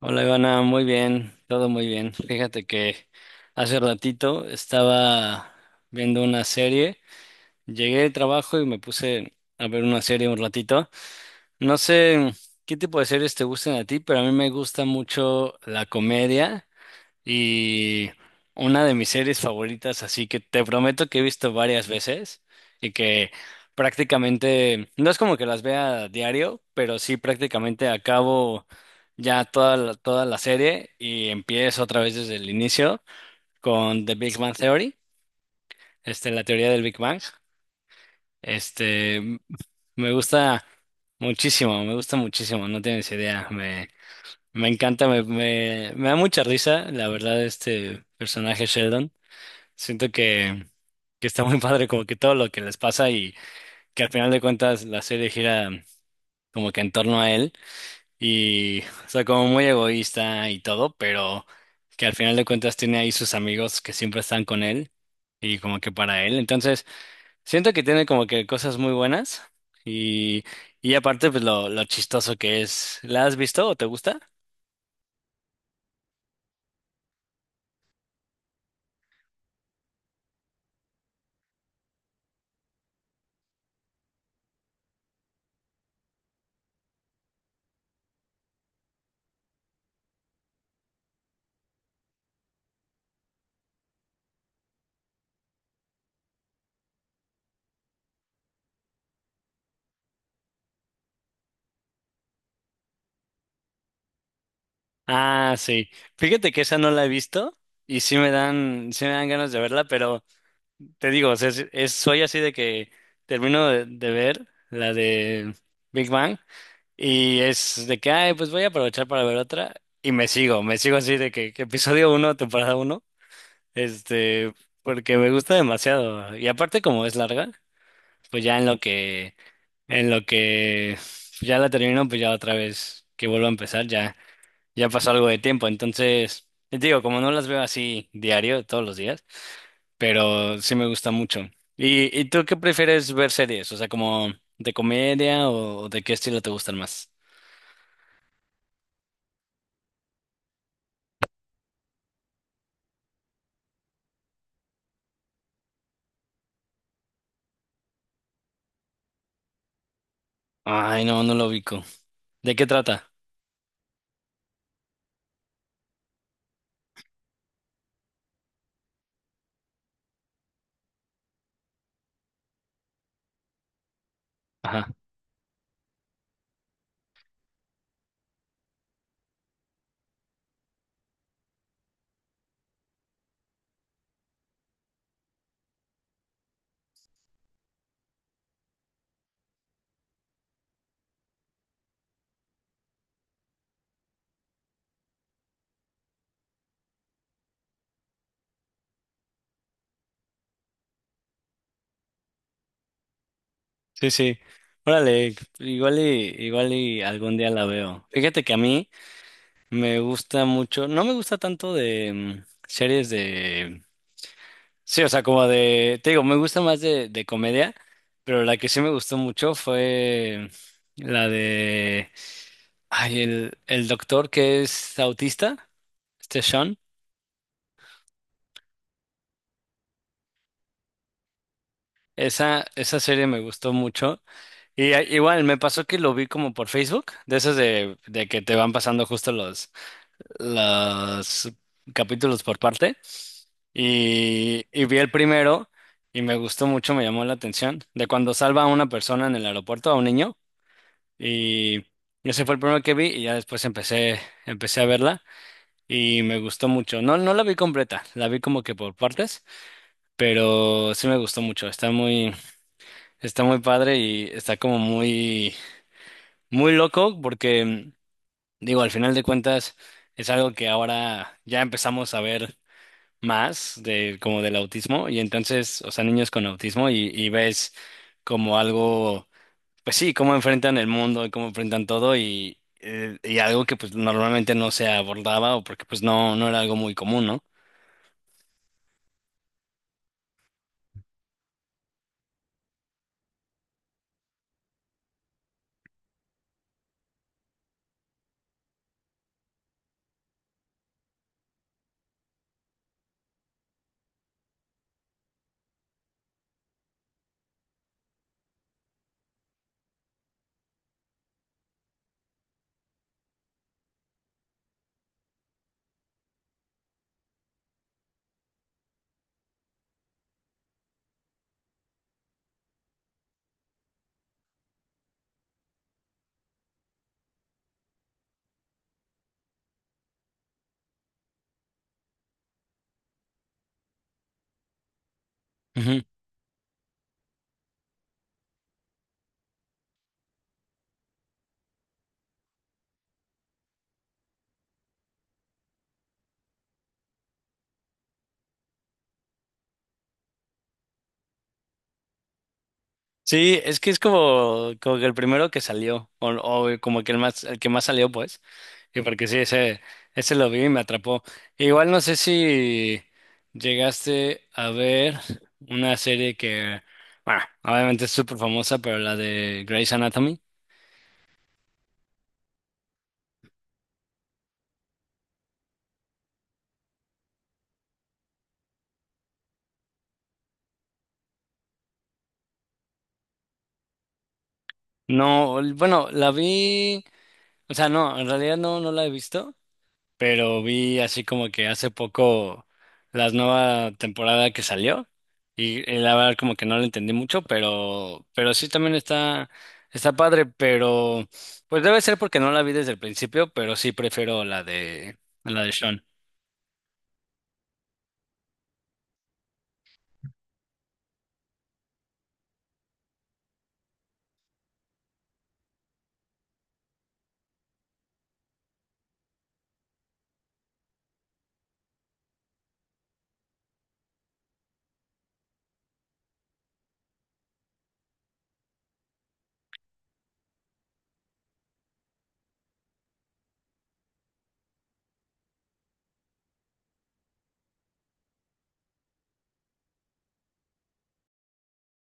Hola Ivana, muy bien, todo muy bien. Fíjate que hace ratito estaba viendo una serie, llegué de trabajo y me puse a ver una serie un ratito. No sé qué tipo de series te gustan a ti, pero a mí me gusta mucho la comedia y una de mis series favoritas, así que te prometo que he visto varias veces y que prácticamente, no es como que las vea a diario, pero sí prácticamente acabo ya toda la serie y empiezo otra vez desde el inicio con The Big Bang Theory, este, la teoría del Big Bang. Este, m- Me gusta muchísimo, me gusta muchísimo, no tienes idea, me encanta, me da mucha risa, la verdad, este personaje Sheldon. Siento que está muy padre como que todo lo que les pasa y que al final de cuentas la serie gira como que en torno a él y, o sea, como muy egoísta y todo, pero que al final de cuentas tiene ahí sus amigos que siempre están con él y como que para él. Entonces, siento que tiene como que cosas muy buenas y, y aparte pues lo chistoso que es. ¿La has visto o te gusta? Ah, sí. Fíjate que esa no la he visto y sí me dan ganas de verla, pero... Te digo, o sea, soy así de que termino de ver la de Big Bang y es de que, ay, pues voy a aprovechar para ver otra y me sigo así de que episodio uno, temporada uno, este, porque me gusta demasiado. Y aparte como es larga, pues ya en lo que ya la termino, pues ya otra vez que vuelvo a empezar, ya, ya pasó algo de tiempo. Entonces, te digo, como no las veo así diario, todos los días, pero sí me gusta mucho. ¿Y tú qué prefieres ver series? O sea, como de comedia o de qué estilo te gustan más? Ay, no, no lo ubico. ¿De qué trata? Ajá. Sí, sí. Órale, igual y algún día la veo. Fíjate que a mí me gusta mucho, no me gusta tanto de series de... Sí, o sea, como de, te digo, me gusta más de comedia, pero la que sí me gustó mucho fue la de, ay, el doctor que es autista, este Sean, esa serie me gustó mucho. Y igual, me pasó que lo vi como por Facebook, de esas de que te van pasando justo los capítulos por parte, y vi el primero. Y me gustó mucho, me llamó la atención, de cuando salva a una persona en el aeropuerto, a un niño. Y ese fue el primero que vi y ya después empecé a verla y me gustó mucho. No, no la vi completa, la vi como que por partes, pero sí me gustó mucho. Está muy padre y está como muy, muy loco porque, digo, al final de cuentas es algo que ahora ya empezamos a ver más de como del autismo y entonces, o sea, niños con autismo y ves como algo... Pues sí, cómo enfrentan el mundo y cómo enfrentan todo y algo que pues normalmente no se abordaba o porque pues no, no era algo muy común, ¿no? Ujú. Sí, es que es como, como que el primero que salió o como que el más, el que más salió pues, y porque sí, ese lo vi y me atrapó. Igual no sé si llegaste a ver una serie que, bueno, obviamente es súper famosa, pero la de Grey's Anatomy. No, bueno, la vi, o sea, no, en realidad no, no la he visto, pero vi así como que hace poco la nueva temporada que salió y la verdad como que no la entendí mucho, pero sí también está, está padre, pero pues debe ser porque no la vi desde el principio, pero sí prefiero la de Sean.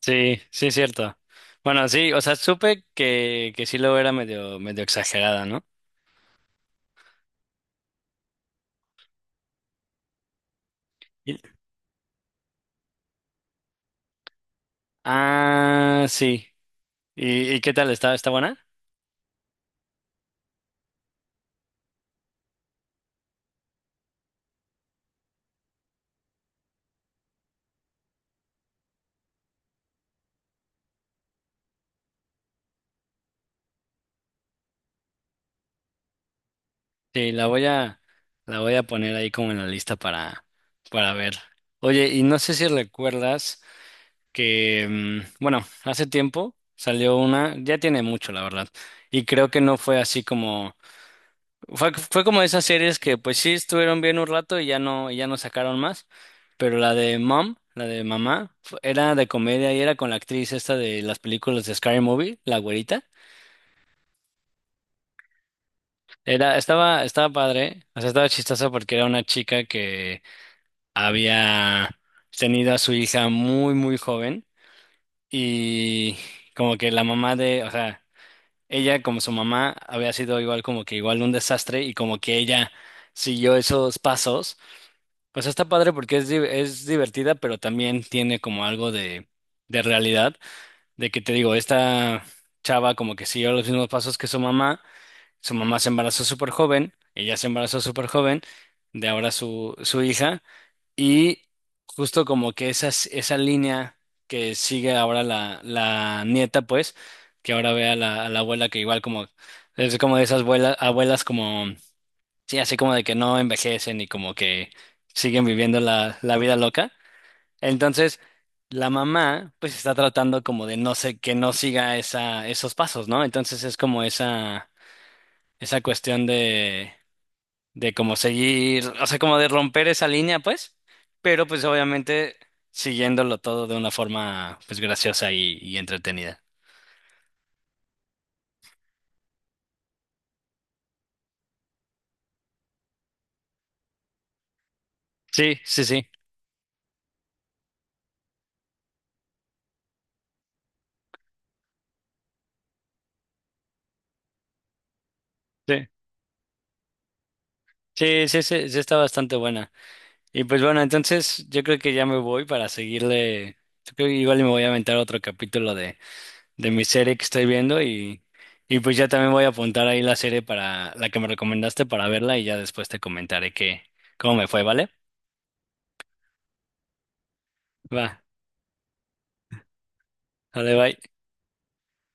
Sí, sí es cierto. Bueno, sí, o sea, supe que sí luego era medio exagerada, ¿no? Y- Ah, sí. ¿Y qué tal? Está buena? Sí, la voy a poner ahí como en la lista para ver. Oye, y no sé si recuerdas que, bueno, hace tiempo salió una, ya tiene mucho, la verdad, y creo que no fue así como, fue como esas series que pues sí estuvieron bien un rato y ya no sacaron más, pero la de Mom, la de Mamá, era de comedia y era con la actriz esta de las películas de Scary Movie, la güerita. Era, estaba padre, o sea, estaba chistosa porque era una chica que había tenido a su hija muy, muy joven y como que la mamá de, o sea, ella como su mamá había sido igual como que igual un desastre y como que ella siguió esos pasos, pues está padre porque es, es divertida, pero también tiene como algo de realidad, de que te digo, esta chava como que siguió los mismos pasos que su mamá, su mamá se embarazó súper joven, ella se embarazó súper joven, de ahora su hija, y justo como que esa línea que sigue ahora la, la nieta, pues, que ahora ve a la abuela que igual como, es como de esas abuelas, abuelas como, sí, así como de que no envejecen y como que siguen viviendo la, la vida loca. Entonces, la mamá, pues, está tratando como de no sé, que no siga esa, esos pasos, ¿no? Entonces es como esa cuestión de como seguir, o sea, como de romper esa línea, pues, pero pues obviamente siguiéndolo todo de una forma pues graciosa y entretenida. Sí, sí, sí, sí. Sí, sí, sí, sí está bastante buena. Y pues bueno, entonces yo creo que ya me voy para seguirle. Yo creo que igual y me voy a aventar otro capítulo de mi serie que estoy viendo y pues ya también voy a apuntar ahí la serie para la que me recomendaste para verla y ya después te comentaré que cómo me fue, ¿vale? Va, dale, bye.